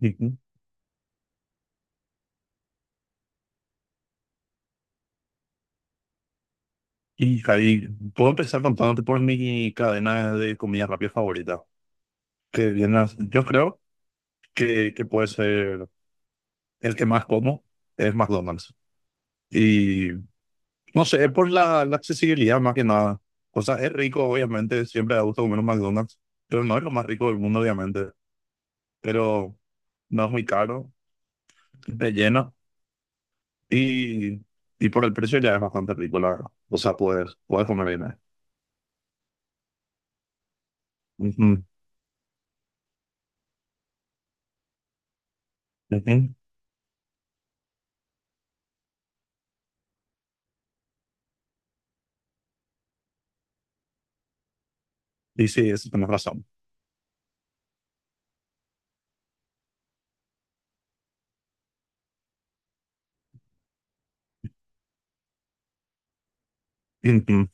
Ujú. Y Javi, puedo empezar contándote por mi cadena de comida rápida favorita. Yo creo que puede ser el que más como es McDonald's. Y no sé, es por la accesibilidad más que nada. O sea, es rico, obviamente, siempre da gusto comer un McDonald's, pero no es lo más rico del mundo, obviamente. Pero no es muy caro, te llena y, y por el precio ya es bastante rico, la verdad. O sea, puedes comer bien ahí. Ujú, ujú. Y sí, eso tienes razón.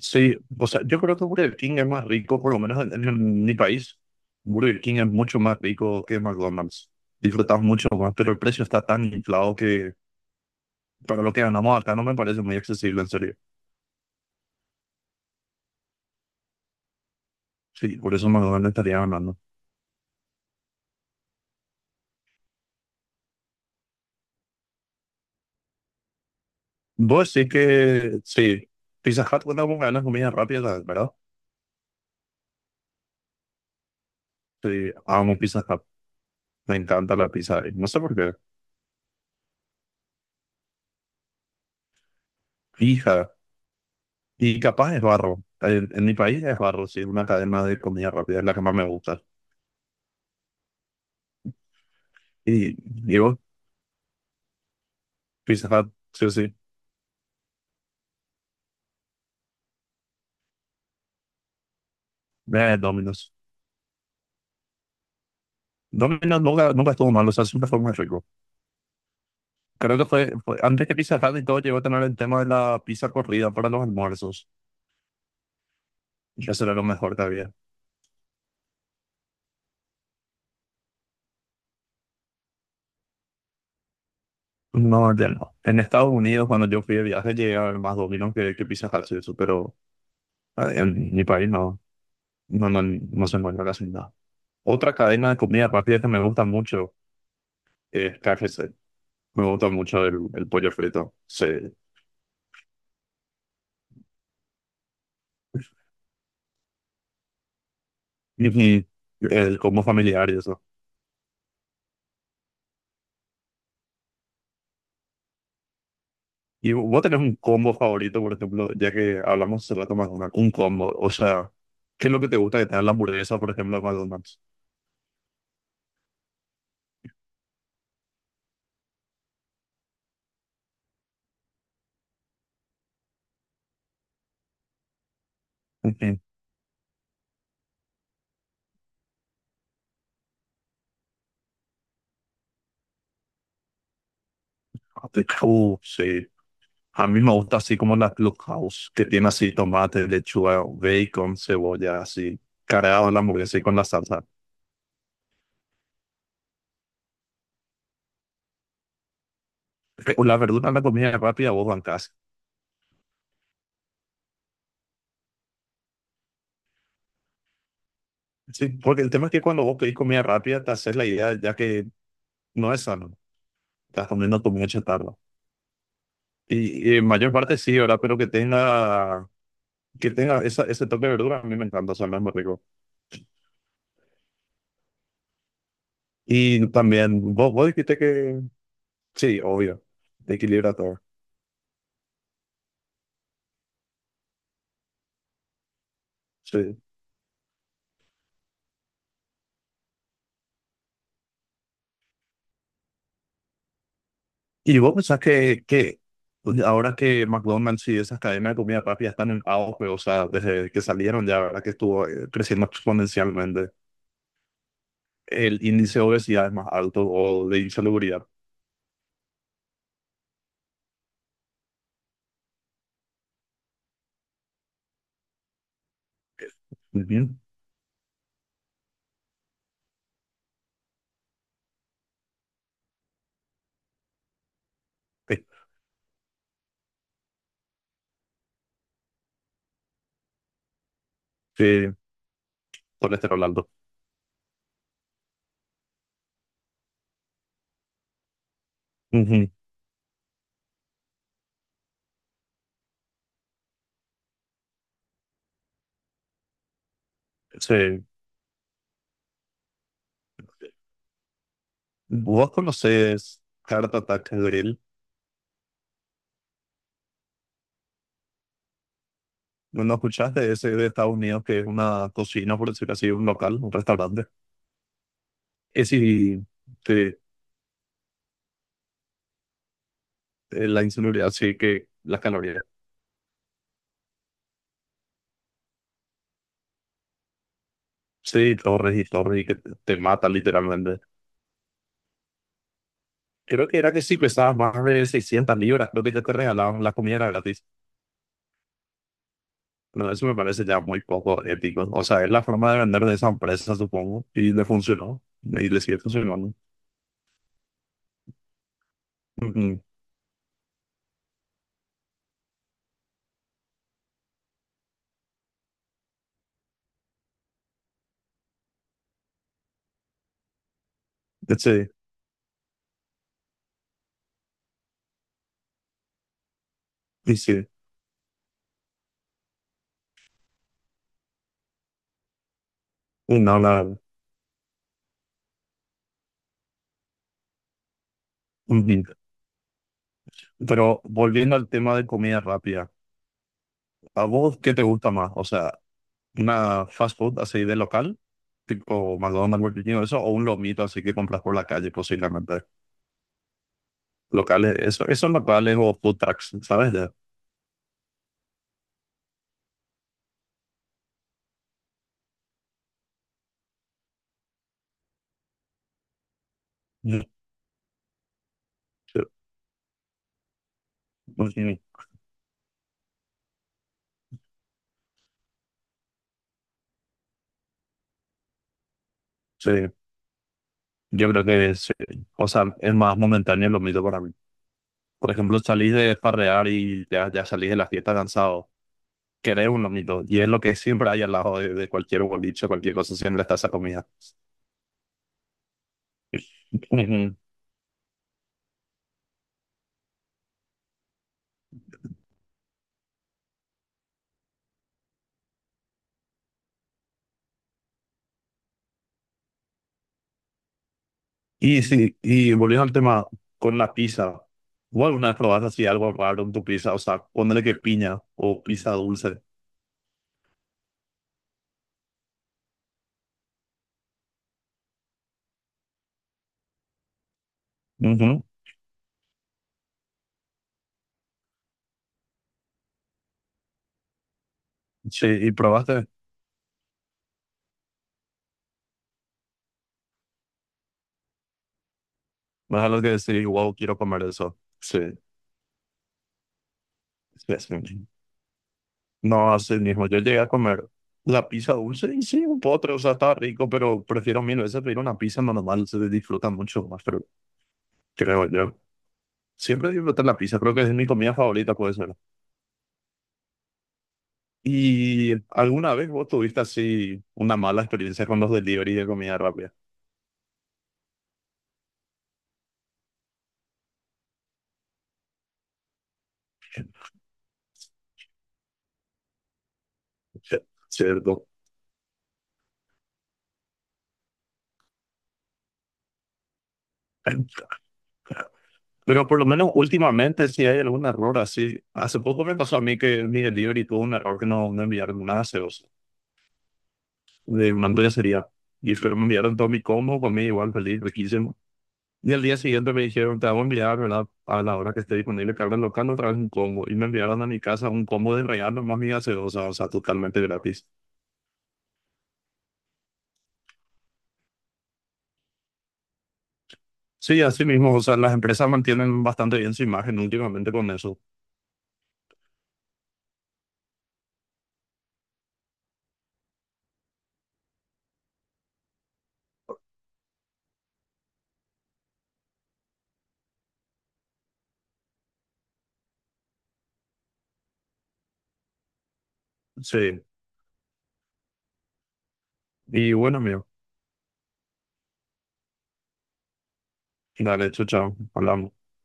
Sí, o sea, yo creo que Burger King es más rico, por lo menos en mi país. Burger King es mucho más rico que McDonald's. Disfrutamos mucho más, pero el precio está tan inflado que para lo que ganamos acá no me parece muy accesible, en serio. Sí, por eso McDonald's estaría ganando. Vos sí que, Pizza Hut, cuando vos ganas comida rápida, ¿verdad? Sí, amo Pizza Hut. Me encanta la pizza ahí. No sé por qué. Fija. Y capaz es barro. En mi país es barro, sí, una cadena de comida rápida es la que más me gusta. Y digo Pizza Hut, sí o sí. Domino's. Domino's nunca estuvo mal, o sea, siempre fue muy rico. Creo que antes que Pizza Hut y todo llegó a tener el tema de la pizza corrida para los almuerzos. Y eso era lo mejor que había. No, ya no. En Estados Unidos, cuando yo fui de viaje, llegué a ver más Domino's que Pizza Hut y eso, pero en mi país no se encuentra casi nada. Otra cadena de comida rápida que me gusta mucho es KFC. Me gusta mucho el pollo frito. Sí. Y el combo familiar y eso. Y vos tenés un combo favorito, por ejemplo, ya que hablamos hace rato un combo. O sea, ¿qué es lo que te gusta de tener la hamburguesa, por ejemplo, de McDonald's? Ujú. Ah, de House, sí. A mí me gusta así como la Clubhouse, que tiene así tomate, lechuga, bacon, cebolla, así, cargado en la hamburguesa y con la salsa. O la verdura en la comida rápida, vos bancás. Sí, porque el tema es que cuando vos pedís comida rápida, te haces la idea ya que no es sano. Estás comiendo comida chatarra. Y en mayor parte sí, ¿verdad? Pero que tenga esa, ese toque de verdura, a mí me encanta, o sea, no muy rico. Y también, vos dijiste que, sí, obvio, te equilibra todo. Sí. ¿Y vos pensás que ahora que McDonald's y esas cadenas de comida rápida están en auge, o sea, desde que salieron ya, ¿verdad? Que estuvo creciendo exponencialmente, el índice de obesidad es más alto o de insalubridad. eh, Bien, eh, eh, colesterol alto. Ujú. Sí. ¿Vos conocés Heart Attack Grill? ¿No, no escuchaste de ese de Estados Unidos que es una cocina, por decirlo así, un local, un restaurante? Es si te, la insalubridad, sí, que las calorías. Sí, torres y torres y que te matan literalmente. Creo que era que si pesabas más de 600 libras, creo que ya te regalaban la comida gratis. No, eso me parece ya muy poco ético. O sea, es la forma de vender de esa empresa, supongo, y le funcionó. Y le sigue funcionando. Ujú. Sí, y sí, no, la verdad. Ujú. Pero volviendo al tema de comida rápida. ¿A vos qué te gusta más? O sea, una fast food así de local, tipo McDonald's, Burger King, o eso, o un lomito así que compras por la calle, posiblemente. Locales, eso, esos locales o food trucks, ¿sabes? De- Sí, sí. Yo creo que sí. O sea, es más momentáneo el lomito para mí. Por ejemplo, salís de farrear y ya salís de la fiesta cansado. Querés un lomito, y es lo que siempre hay al lado de cualquier boliche, cualquier cosa, siempre está esa comida. Y sí, y volviendo al tema con la pizza, ¿o alguna vez probaste así algo raro en tu pizza? O sea, ponerle que piña o pizza dulce. Ujú. Sí, y probaste. Más es algo que decir, wow, quiero comer eso. Sí, sí, sí. No, así mismo. Yo llegué a comer la pizza dulce y sí, un postre, o sea, estaba rico, pero prefiero mil veces pedir una pizza normal, se disfruta mucho más, pero creo yo. Siempre disfruté la pizza, creo que es mi comida favorita, pues. ¿Y alguna vez vos tuviste así una mala experiencia con los delivery de comida rápida? Cierto. Pero por lo menos últimamente si hay algún error así. Hace poco me pasó a mí que mi delivery tuvo un error que no enviaron nada gaseosa de una hamburguesería. Y pero me enviaron todo mi combo, comí igual feliz, riquísimo. Y al día siguiente me dijeron, te vamos a enviar, ¿verdad? A la hora que esté disponible carga local, otra vez un combo. Y me enviaron a mi casa un combo de regalo más mi gaseosa, o sea, totalmente gratis. Sí, así mismo, o sea, las empresas mantienen bastante bien su imagen últimamente con eso. Sí, y bueno, amigo, dale, chao, chao, hablamos.